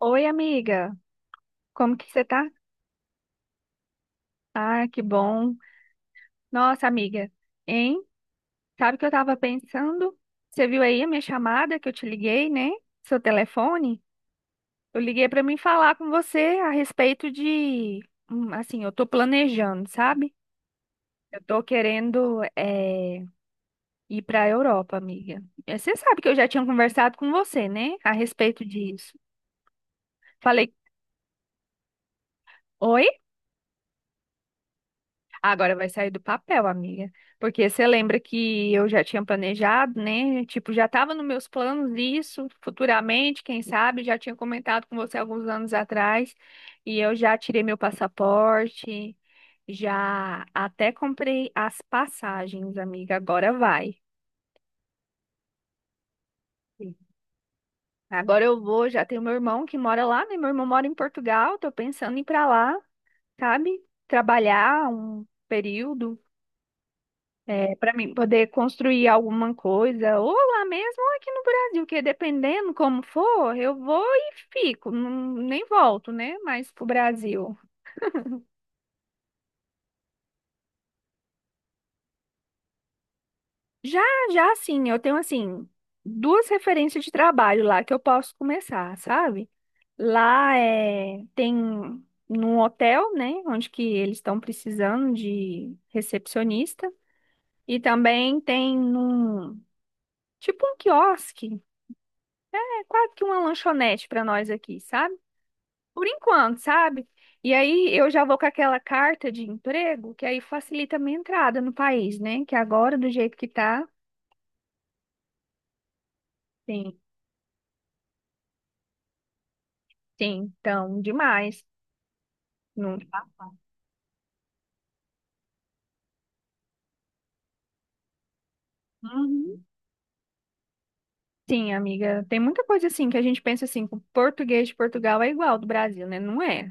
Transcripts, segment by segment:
Oi, amiga. Como que você tá? Ah, que bom. Nossa, amiga, hein? Sabe o que eu tava pensando? Você viu aí a minha chamada que eu te liguei, né? Seu telefone? Eu liguei pra mim falar com você a respeito de, assim, eu tô planejando, sabe? Eu tô querendo ir pra Europa, amiga. Você sabe que eu já tinha conversado com você, né? A respeito disso. Falei, oi? Agora vai sair do papel, amiga. Porque você lembra que eu já tinha planejado, né? Tipo, já estava nos meus planos isso, futuramente, quem sabe, já tinha comentado com você alguns anos atrás. E eu já tirei meu passaporte, já até comprei as passagens, amiga. Agora vai. Sim. Agora eu vou, já tenho meu irmão que mora lá, né? Meu irmão mora em Portugal, tô pensando em ir pra lá, sabe? Trabalhar um período. É, para mim poder construir alguma coisa, ou lá mesmo, ou aqui no Brasil, porque dependendo como for, eu vou e fico, nem volto, né? Mas pro Brasil. Já, já sim, eu tenho assim, duas referências de trabalho lá que eu posso começar, sabe? Lá é, tem num hotel, né? Onde que eles estão precisando de recepcionista. E também tem num, tipo um quiosque, é quase que uma lanchonete para nós aqui, sabe? Por enquanto, sabe? E aí eu já vou com aquela carta de emprego, que aí facilita a minha entrada no país, né? Que agora, do jeito que tá, sim, sim, então, demais. Não... Uhum. Sim, amiga, tem muita coisa assim que a gente pensa assim, que o português de Portugal é igual ao do Brasil, né? Não é.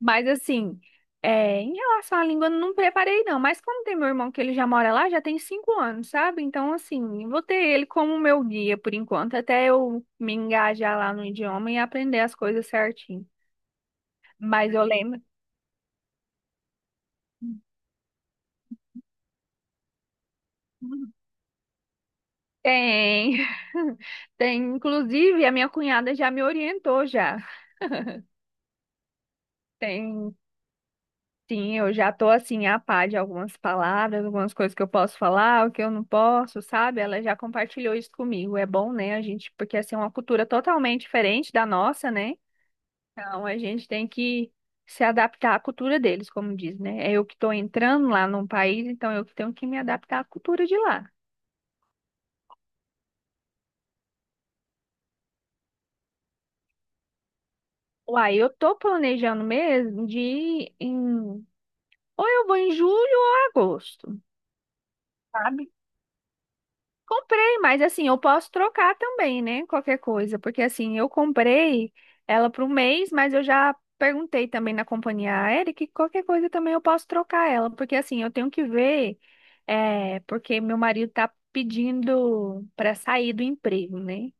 Mas assim, é, em relação à língua, eu não preparei não. Mas como tem meu irmão que ele já mora lá, já tem 5 anos, sabe? Então, assim, eu vou ter ele como meu guia por enquanto, até eu me engajar lá no idioma e aprender as coisas certinho. Mas eu lembro. Tem. Tem, inclusive, a minha cunhada já me orientou já. Tem. Sim, eu já tô assim a par de algumas palavras, algumas coisas que eu posso falar, o que eu não posso, sabe? Ela já compartilhou isso comigo. É bom, né? A gente, porque assim é uma cultura totalmente diferente da nossa, né? Então a gente tem que se adaptar à cultura deles, como diz, né? É eu que tô entrando lá num país, então eu que tenho que me adaptar à cultura de lá. Uai, eu tô planejando mesmo de ir em... ou eu vou em julho ou agosto, sabe? Comprei, mas assim, eu posso trocar também, né? Qualquer coisa, porque assim, eu comprei ela para um mês, mas eu já perguntei também na companhia aérea que qualquer coisa também eu posso trocar ela, porque assim, eu tenho que ver, é, porque meu marido tá pedindo para sair do emprego, né?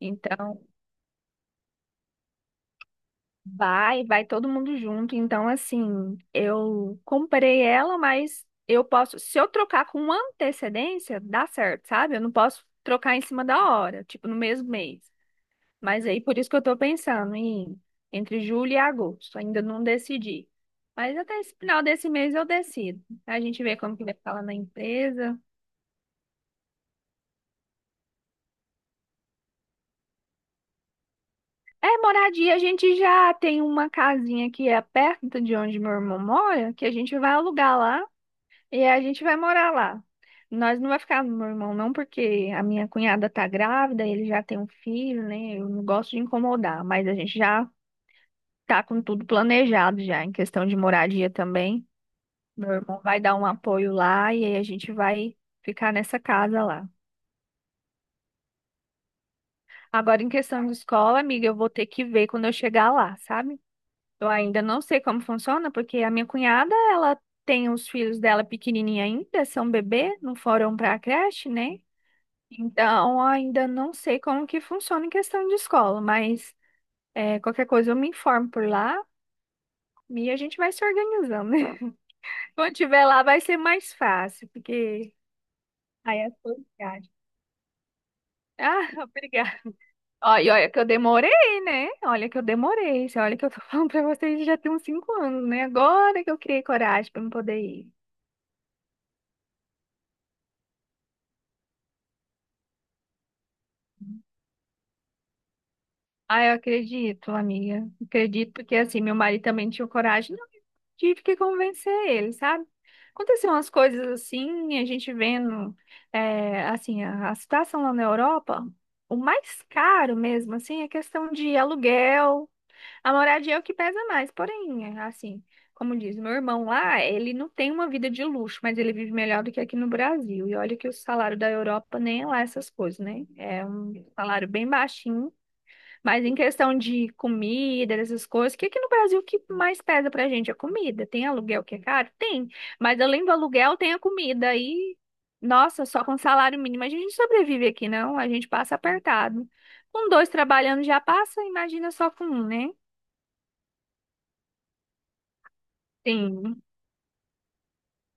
Então, vai, vai todo mundo junto. Então, assim, eu comprei ela, mas eu posso, se eu trocar com antecedência, dá certo, sabe? Eu não posso trocar em cima da hora, tipo no mesmo mês. Mas aí, por isso que eu tô pensando em entre julho e agosto. Ainda não decidi. Mas até esse final desse mês eu decido. A gente vê como que vai ficar lá na empresa. É, moradia, a gente já tem uma casinha que é perto de onde meu irmão mora, que a gente vai alugar lá. E a gente vai morar lá. Nós não vai ficar no meu irmão, não, porque a minha cunhada tá grávida, ele já tem um filho, né? Eu não gosto de incomodar, mas a gente já tá com tudo planejado já, em questão de moradia também. Meu irmão vai dar um apoio lá e aí a gente vai ficar nessa casa lá. Agora, em questão de escola, amiga, eu vou ter que ver quando eu chegar lá, sabe? Eu ainda não sei como funciona, porque a minha cunhada, ela tem os filhos dela pequenininha ainda, são bebê, não foram para a creche, né? Então, ainda não sei como que funciona em questão de escola, mas é, qualquer coisa eu me informo por lá e a gente vai se organizando. Quando tiver lá vai ser mais fácil, porque aí é coisas viajam. Ah, obrigada. Ó, e olha que eu demorei, né? Olha que eu demorei. Você olha que eu tô falando pra vocês já tem uns 5 anos, né? Agora que eu criei coragem pra me poder ir. Ah, eu acredito, amiga. Acredito, porque assim, meu marido também não tinha coragem, tive que convencer ele, sabe? Aconteceu umas coisas assim, a gente vendo, é, assim, a situação lá na Europa, o mais caro mesmo, assim, é questão de aluguel, a moradia é o que pesa mais, porém, assim, como diz, meu irmão lá, ele não tem uma vida de luxo, mas ele vive melhor do que aqui no Brasil, e olha que o salário da Europa nem é lá essas coisas, né? É um salário bem baixinho, mas em questão de comida, essas coisas, o que que no Brasil o que mais pesa pra gente? É comida. Tem aluguel que é caro? Tem. Mas além do aluguel, tem a comida. E, nossa, só com salário mínimo a gente não sobrevive aqui, não. A gente passa apertado. Com dois trabalhando já passa, imagina só com um, né? Tem.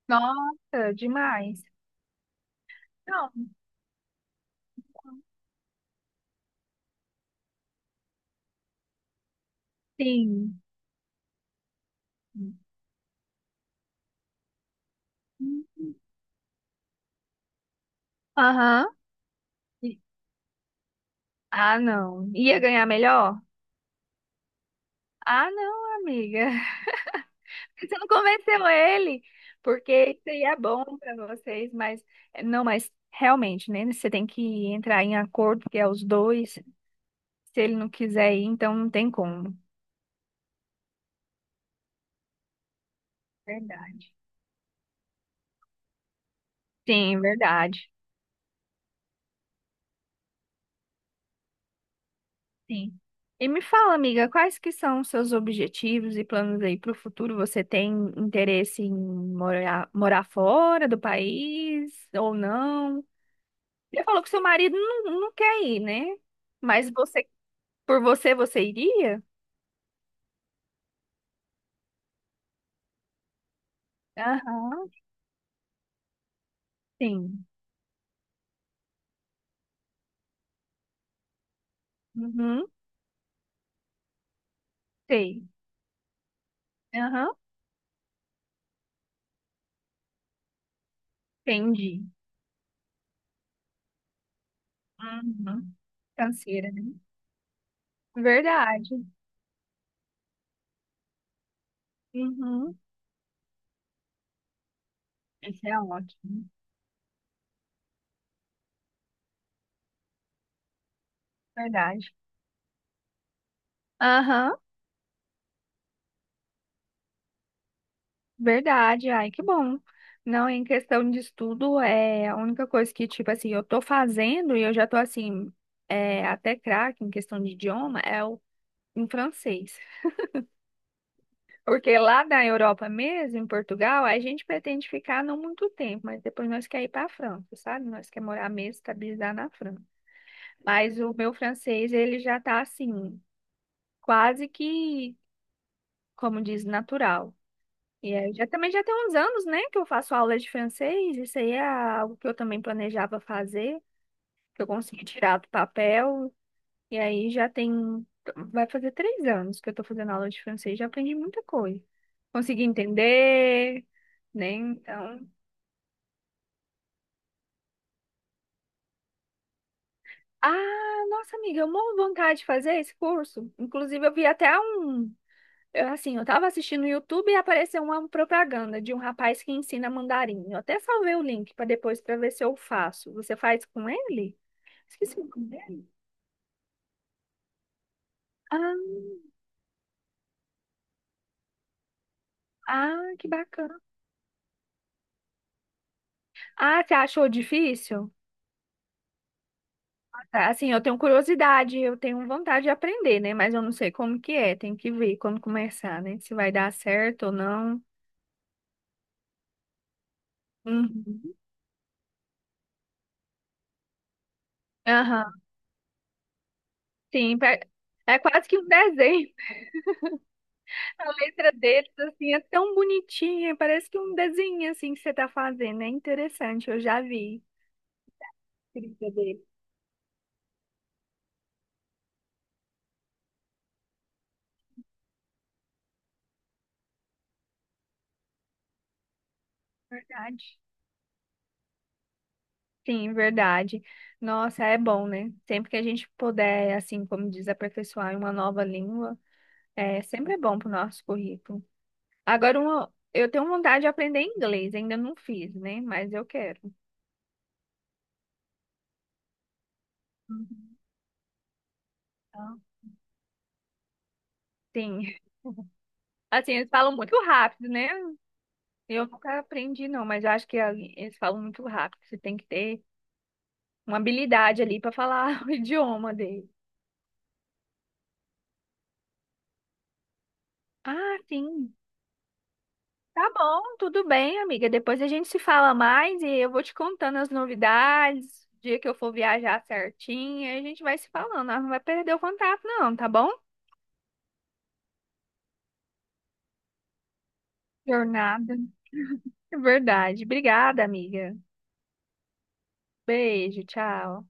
Nossa, demais. Não, sim. Aham. E- Ah, não. Ia ganhar melhor? Ah, não, amiga. Você não convenceu ele, porque isso seria bom para vocês, mas não, mas realmente, né? Você tem que entrar em acordo, que é os dois. Se ele não quiser ir, então não tem como. Verdade. Sim, verdade. Sim. E me fala, amiga, quais que são os seus objetivos e planos aí para o futuro? Você tem interesse em morar, morar fora do país ou não? Você falou que seu marido não, não quer ir, né? Mas você, por você, você iria? Aham, sim. Uhum, sei. Aham, entendi. Uhum. Canseira, né? Verdade. Uhum. Isso é ótimo. Verdade. Aham, verdade. Ai, que bom. Não, em questão de estudo, é a única coisa que, tipo assim, eu tô fazendo e eu já tô assim, é, até craque em questão de idioma, é o em francês. Porque lá na Europa mesmo, em Portugal, a gente pretende ficar não muito tempo, mas depois nós quer ir para a França, sabe? Nós quer morar mesmo, estabilizar na França. Mas o meu francês, ele já tá assim, quase que, como diz, natural. E aí, já também já tem uns anos, né, que eu faço aulas de francês, isso aí é algo que eu também planejava fazer, que eu consegui tirar do papel. E aí já tem, vai fazer 3 anos que eu tô fazendo aula de francês, já aprendi muita coisa. Consegui entender, né? Então. Ah, nossa amiga, eu morro de vontade de fazer esse curso. Inclusive, eu vi até um. Assim, eu tava assistindo no YouTube e apareceu uma propaganda de um rapaz que ensina mandarim. Eu até salvei o link para depois para ver se eu faço. Você faz com ele? Esqueci o nome dele. Ah, ah, que bacana. Ah, você achou difícil? Ah, tá. Assim, eu tenho curiosidade, eu tenho vontade de aprender, né? Mas eu não sei como que é, tem que ver como começar, né? Se vai dar certo ou não. Uhum. Aham. Sim, é quase que um desenho. A letra deles, assim, é tão bonitinha. Parece que um desenho, assim, que você tá fazendo. É interessante, eu já vi. Escrita dele. Verdade. Sim, verdade. Nossa, é bom, né? Sempre que a gente puder, assim, como diz, aperfeiçoar em uma nova língua, sempre é bom pro nosso currículo. Agora, uma, eu tenho vontade de aprender inglês. Ainda não fiz, né? Mas eu quero. Uhum. Então, sim. Assim, eles falam muito rápido, né? Eu nunca aprendi, não, mas eu acho que ali eles falam muito rápido. Você tem que ter uma habilidade ali para falar o idioma dele. Ah, sim. Tá bom, tudo bem, amiga. Depois a gente se fala mais e eu vou te contando as novidades. O dia que eu for viajar certinho, aí a gente vai se falando. Nós Não vai perder o contato, não, tá bom? Jornada. É verdade. Obrigada, amiga. Beijo, tchau.